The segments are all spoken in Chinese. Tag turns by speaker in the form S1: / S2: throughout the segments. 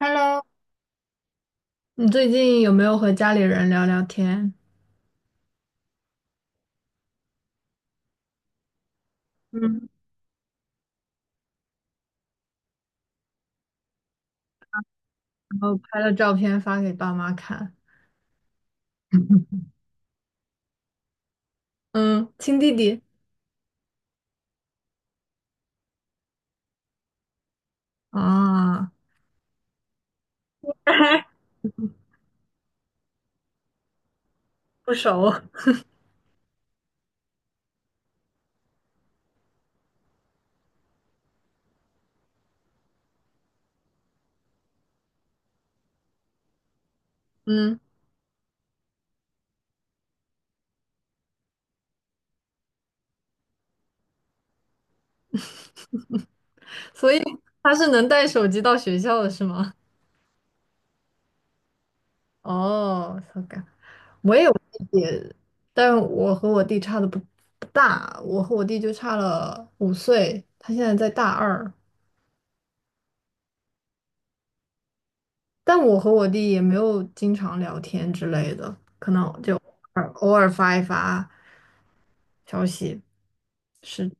S1: Hello，你最近有没有和家里人聊聊天？嗯，然后拍了照片发给爸妈看？嗯，亲弟弟啊 不熟。嗯，所以他是能带手机到学校的是吗？哦，so good，我也有弟弟，但我和我弟差的不大，我和我弟就差了五岁，他现在在大二。但我和我弟也没有经常聊天之类的，可能就偶尔发一发消息。是，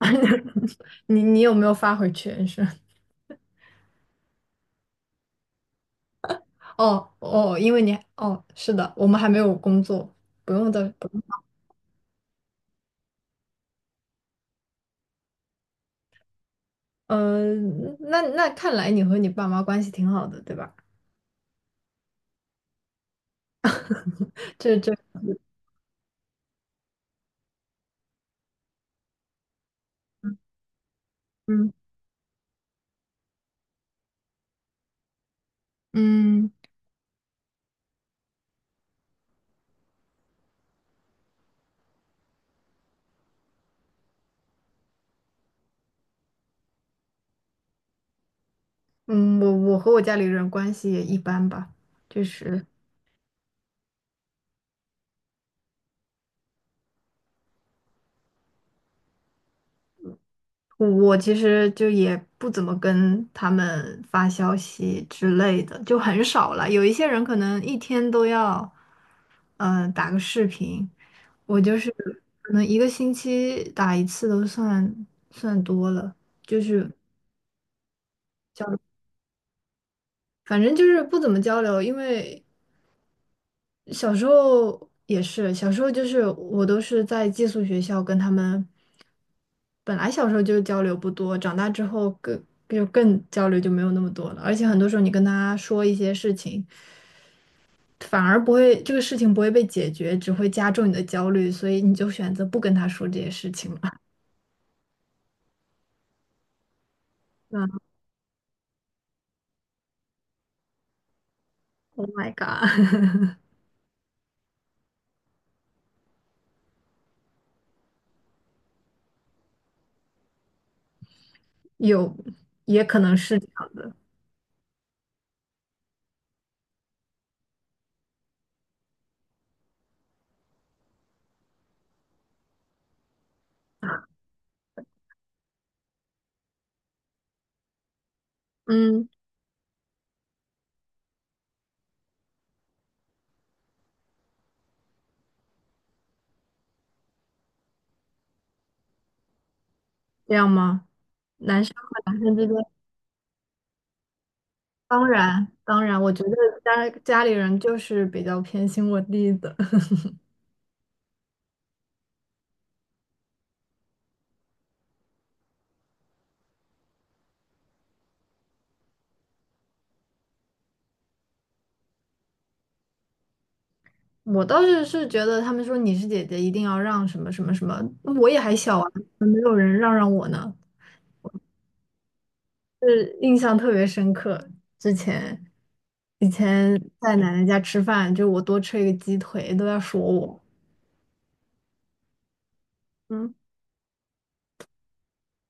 S1: 你有没有发回去？是。哦哦，因为你哦，是的，我们还没有工作，不用。嗯、那那看来你和你爸妈关系挺好的，对吧？这这，嗯嗯嗯，我和我家里人关系也一般吧，就是。我其实就也不怎么跟他们发消息之类的，就很少了。有一些人可能一天都要，打个视频。我就是可能一个星期打一次都算多了，就是反正就是不怎么交流，因为小时候也是，小时候就是我都是在寄宿学校跟他们。本来小时候就交流不多，长大之后更就更交流就没有那么多了。而且很多时候你跟他说一些事情，反而不会这个事情不会被解决，只会加重你的焦虑，所以你就选择不跟他说这些事情了。那 Oh my God,有也可能是这样。嗯，这样吗？男生和男生之间，当然当然，我觉得家里人就是比较偏心我弟的。我倒是是觉得他们说你是姐姐，一定要让什么什么什么，我也还小啊，怎么没有人让我呢，是印象特别深刻。之前以前在奶奶家吃饭，就我多吃一个鸡腿都要说我。嗯，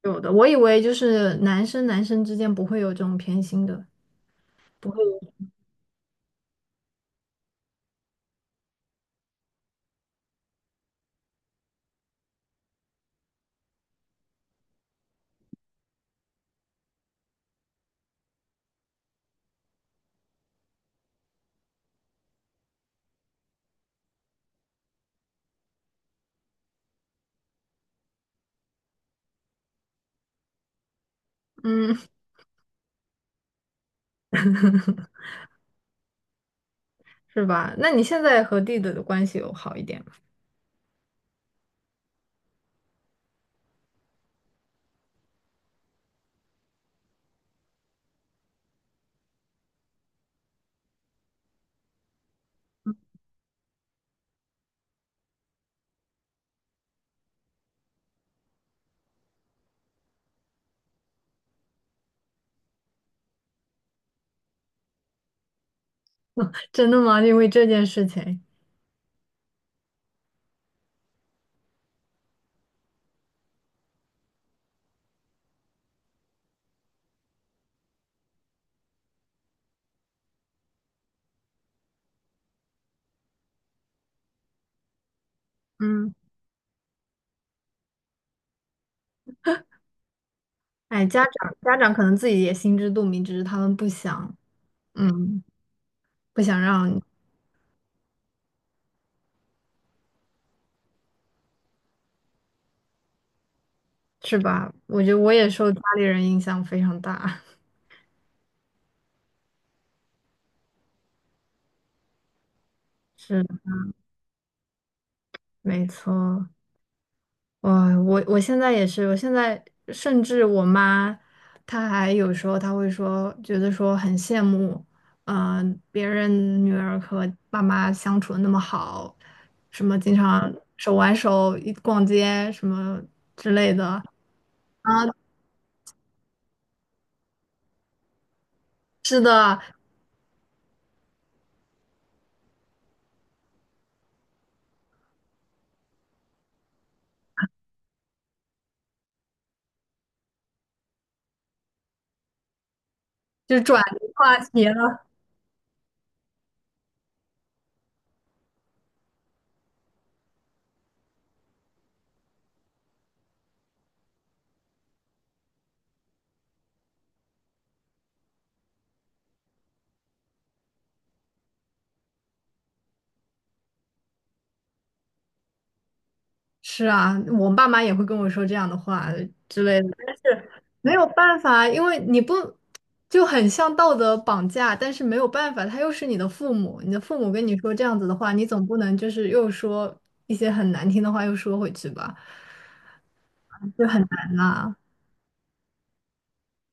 S1: 有的，我以为就是男生男生之间不会有这种偏心的，不会有。嗯，是吧？那你现在和弟弟的关系有好一点吗？真的吗？因为这件事情。嗯，哎，家长可能自己也心知肚明，只是他们不想。嗯，不想让。是吧？我觉得我也受家里人影响非常大，是没错。我我现在也是，我现在甚至我妈，她还有时候她会说，觉得说很羡慕。嗯、别人女儿和爸妈相处的那么好，什么经常手挽手一逛街什么之类的。啊，是的，就转移话题。是啊，我爸妈也会跟我说这样的话之类的，但是没有办法，因为你不就很像道德绑架，但是没有办法，他又是你的父母，你的父母跟你说这样子的话，你总不能就是又说一些很难听的话又说回去吧，就很难啦。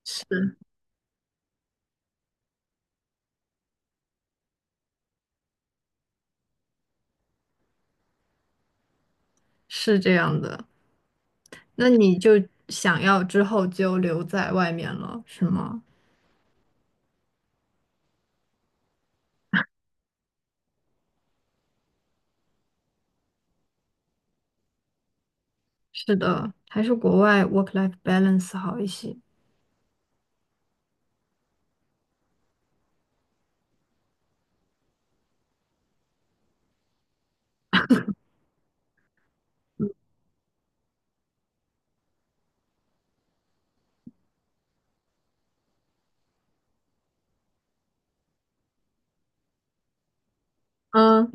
S1: 是，是这样的，那你就想要之后就留在外面了，是吗？是的，还是国外 work-life balance 好一些。嗯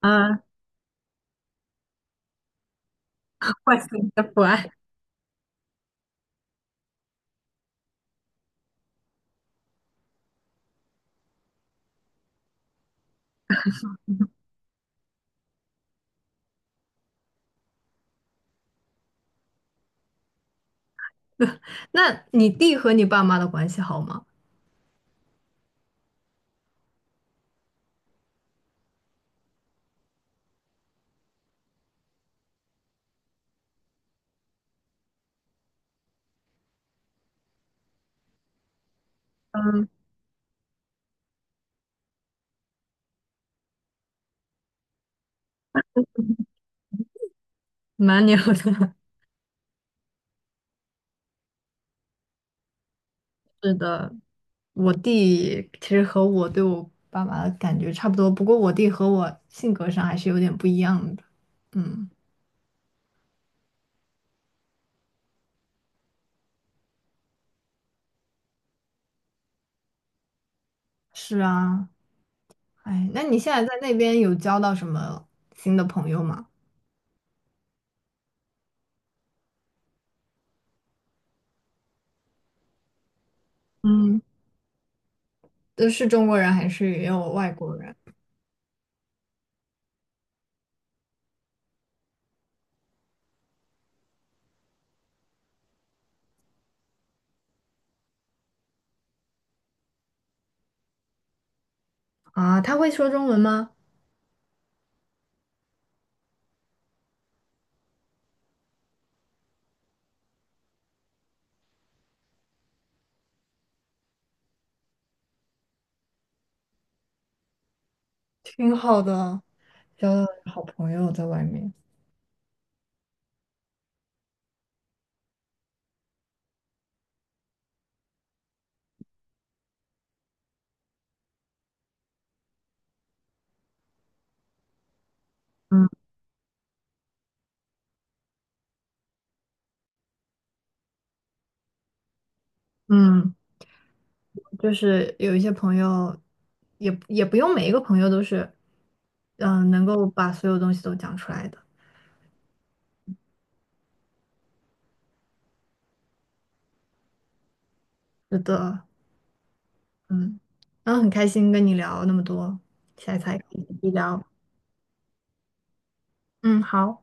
S1: 嗯，唤醒你的不安。那你弟和你爸妈的关系好吗？嗯，蛮聊的。是，我弟其实和我对我爸妈的感觉差不多，不过我弟和我性格上还是有点不一样的。嗯，是啊，哎，那你现在在那边有交到什么新的朋友吗？嗯，都是中国人还是也有外国人？啊，他会说中文吗？挺好的，交到好朋友在外面。嗯嗯。就是有一些朋友也也不用每一个朋友都是，嗯、能够把所有东西都讲出来的。是的，嗯，然后很开心跟你聊那么多，下一次还可以继续聊。嗯，好。